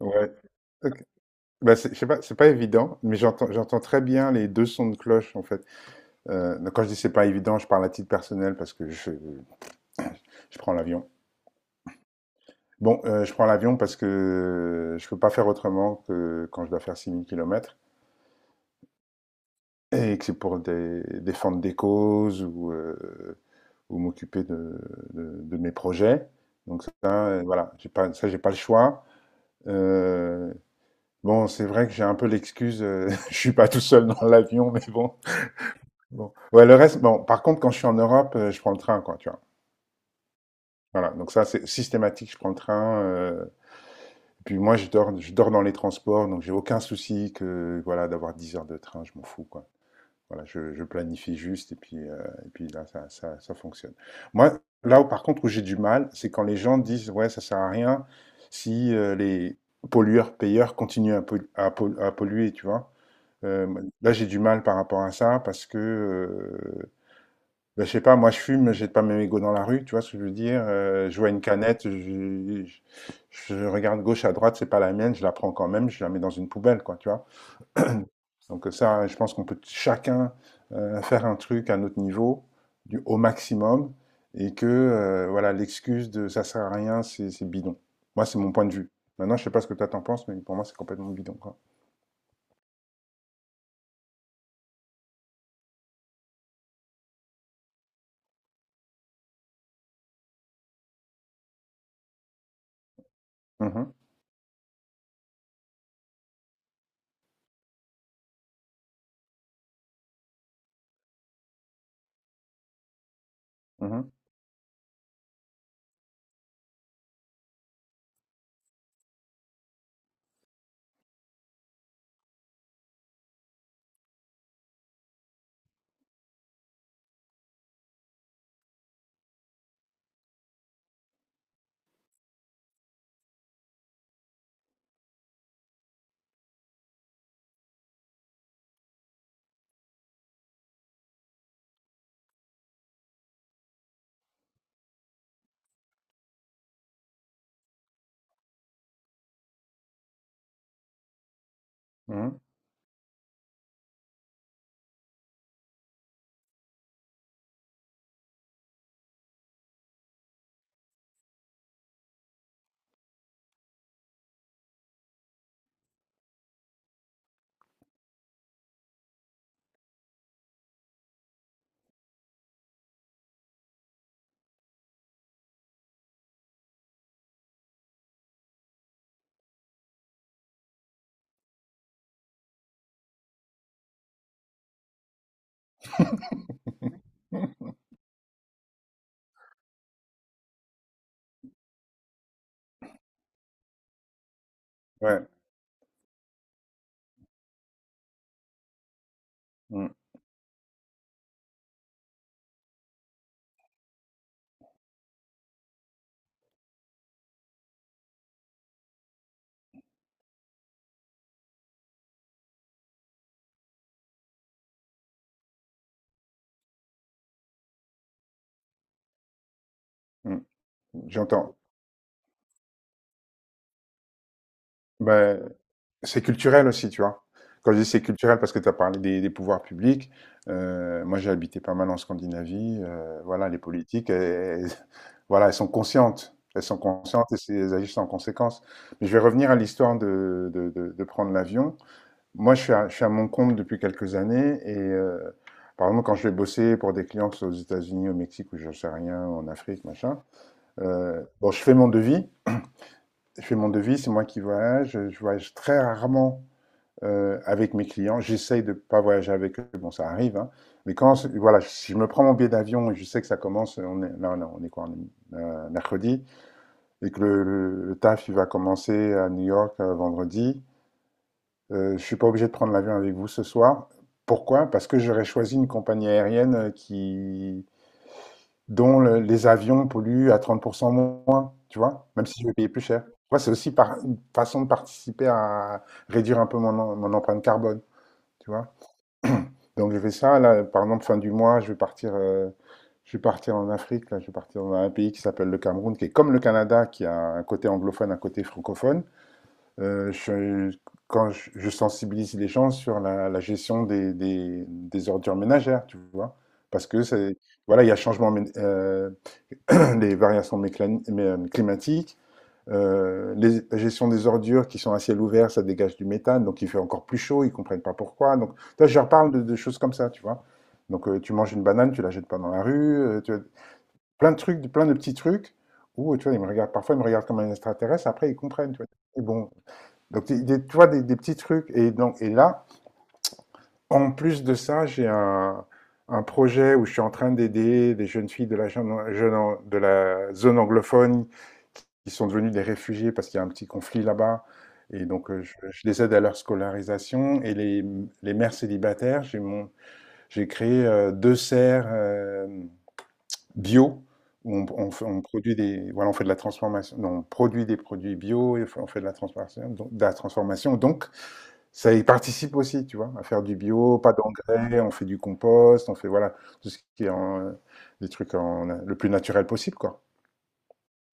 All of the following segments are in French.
Ouais, ok. Bah, je sais pas, c'est pas évident, mais j'entends très bien les deux sons de cloche en fait. Donc, quand je dis c'est pas évident, je parle à titre personnel parce que je prends l'avion. Bon, je prends l'avion parce que je peux pas faire autrement que quand je dois faire 6000 kilomètres et que c'est pour des, défendre des causes ou m'occuper de mes projets. Donc ça, voilà, j'ai pas, ça j'ai pas le choix. Euh, bon, c'est vrai que j'ai un peu l'excuse, je suis pas tout seul dans l'avion, mais bon. Bon. Ouais, le reste, bon, par contre, quand je suis en Europe, je prends le train, quoi, tu vois. Voilà, donc ça, c'est systématique, je prends le train. Et puis moi, je dors dans les transports, donc j'ai aucun souci que, voilà, d'avoir 10 heures de train, je m'en fous, quoi. Voilà, je planifie juste, et puis là, ça fonctionne. Moi, là où, par contre, où j'ai du mal, c'est quand les gens disent, ouais, ça sert à rien si les pollueurs-payeurs continuent à polluer, tu vois. Euh, Là, j'ai du mal par rapport à ça, parce que ben, je sais pas, moi je fume, j'ai pas mes mégots dans la rue, tu vois ce que je veux dire. Je vois une canette, je- je regarde gauche à droite, c'est pas la mienne, je la prends quand même, je la mets dans une poubelle, quoi, tu vois. Donc ça, je pense qu'on peut chacun faire un truc à notre niveau, du, au maximum, et que voilà, l'excuse de ça sert à rien, c'est bidon. Moi, c'est mon point de vue. Maintenant, je sais pas ce que toi t'en penses, mais pour moi, c'est complètement bidon, quoi. Mhm, mhm, mhm. Ouais, mm, mm. J'entends. Ben, c'est culturel aussi, tu vois. Quand je dis c'est culturel, parce que tu as parlé des pouvoirs publics, moi j'ai habité pas mal en Scandinavie, voilà, les politiques, voilà, elles sont conscientes et elles agissent en conséquence. Mais je vais revenir à l'histoire de, de prendre l'avion. Moi je suis à mon compte depuis quelques années et par exemple quand je vais bosser pour des clients, que ce soit aux États-Unis, au Mexique ou je sais rien, en Afrique, machin, bon, je fais mon devis, c'est moi qui voyage, je voyage très rarement avec mes clients. J'essaye de ne pas voyager avec eux, bon, ça arrive. Hein. Mais quand, voilà, si je me prends mon billet d'avion et je sais que ça commence, on est, là, on est quoi, on est, mercredi, et que le taf, il va commencer à New York vendredi, je ne suis pas obligé de prendre l'avion avec vous ce soir. Pourquoi? Parce que j'aurais choisi une compagnie aérienne dont les avions polluent à 30% moins, tu vois, même si je vais payer plus cher. Tu vois, c'est aussi une façon de participer à réduire un peu mon empreinte carbone, tu vois. Donc je fais ça, là, par exemple, fin du mois, je vais partir en Afrique, là, je vais partir dans un pays qui s'appelle le Cameroun, qui est comme le Canada, qui a un côté anglophone, un côté francophone. Euh, je, Quand je sensibilise les gens sur la gestion des ordures ménagères, tu vois, parce que c'est, voilà, il y a les variations climatiques, la gestion des ordures qui sont à ciel ouvert, ça dégage du méthane, donc il fait encore plus chaud, ils ne comprennent pas pourquoi. Donc, toi, je leur parle de choses comme ça, tu vois. Donc, tu manges une banane, tu la jettes pas dans la rue, tu vois, plein de trucs, plein de petits trucs où, tu vois, ils me regardent, parfois, ils me regardent comme un extraterrestre, après, ils comprennent, tu vois. Et bon, donc, tu vois, des petits trucs. Et, donc, et là, en plus de ça, j'ai un projet où je suis en train d'aider des jeunes filles de la zone anglophone qui sont devenues des réfugiés parce qu'il y a un petit conflit là-bas. Et donc, je les aide à leur scolarisation. Et les mères célibataires, j'ai créé deux serres bio où on produit des, voilà, on fait de la transformation, non, on produit des produits bio et on fait de la transformation, donc, de la transformation. Donc, ça y participe aussi, tu vois, à faire du bio, pas d'engrais, on fait du compost, on fait, voilà, tout ce qui est en, des trucs en, le plus naturel possible, quoi.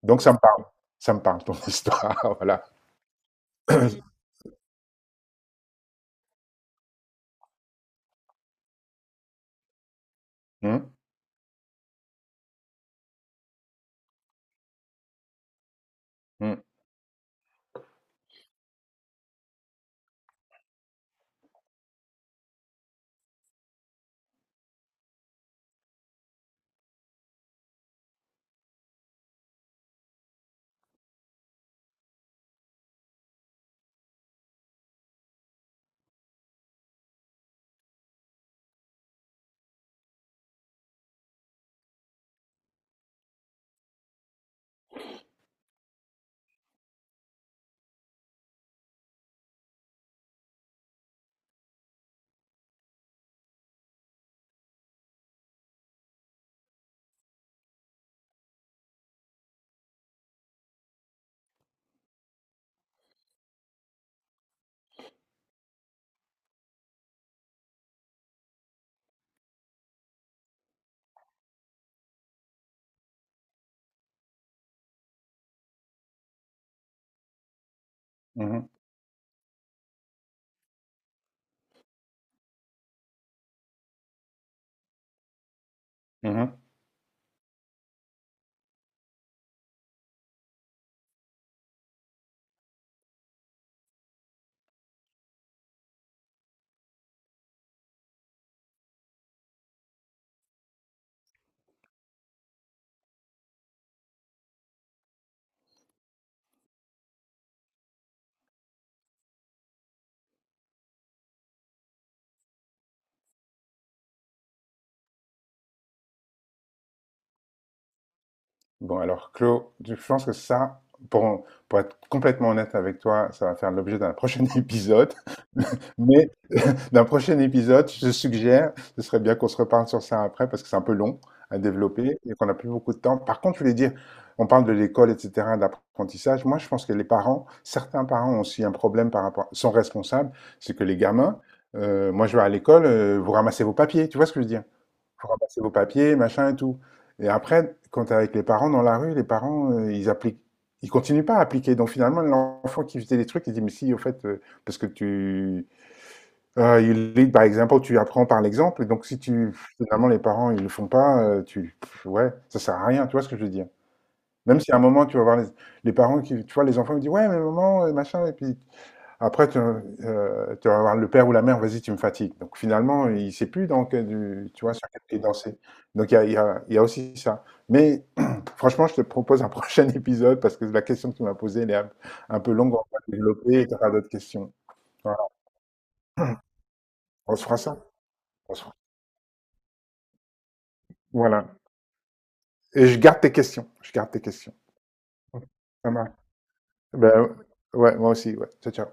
Donc ça me parle, ton histoire, voilà. Hum, hum, mhm, mhm. Bon, alors, Claude, je pense que ça, pour être complètement honnête avec toi, ça va faire l'objet d'un prochain épisode. Mais d'un prochain épisode. Je suggère, ce serait bien qu'on se reparle sur ça après parce que c'est un peu long à développer et qu'on n'a plus beaucoup de temps. Par contre, je voulais dire, on parle de l'école, etc., d'apprentissage. Moi, je pense que les parents, certains parents ont aussi un problème par rapport, sont responsables, c'est que les gamins, moi, je vais à l'école, vous ramassez vos papiers, tu vois ce que je veux dire? Vous ramassez vos papiers, machin et tout. Et après, quand t'es avec les parents dans la rue, les parents, ils appliquent, ils continuent pas à appliquer. Donc finalement, l'enfant qui faisait les trucs, il dit, mais si, au fait, parce que tu, you lead by example, tu apprends par l'exemple et donc si tu finalement les parents, ils le font pas, tu pff, ouais, ça sert à rien, tu vois ce que je veux dire? Même si à un moment tu vas voir les parents qui tu vois les enfants, ils disent: «Ouais mais maman, machin» et puis après tu vas voir le père ou la mère: «Vas-y tu me fatigues». Donc finalement, il sait plus dans quel du tu vois, sur quel pied danser. Donc il y a aussi ça. Mais franchement, je te propose un prochain épisode parce que la question que tu m'as posée, elle est un peu longue, on va développer et tu auras d'autres questions. Voilà. On se fera ça. On se fera voilà. Et je garde tes questions. Je garde tes questions. Pas mal. Ben, ouais, moi aussi, ouais. Ciao, ciao.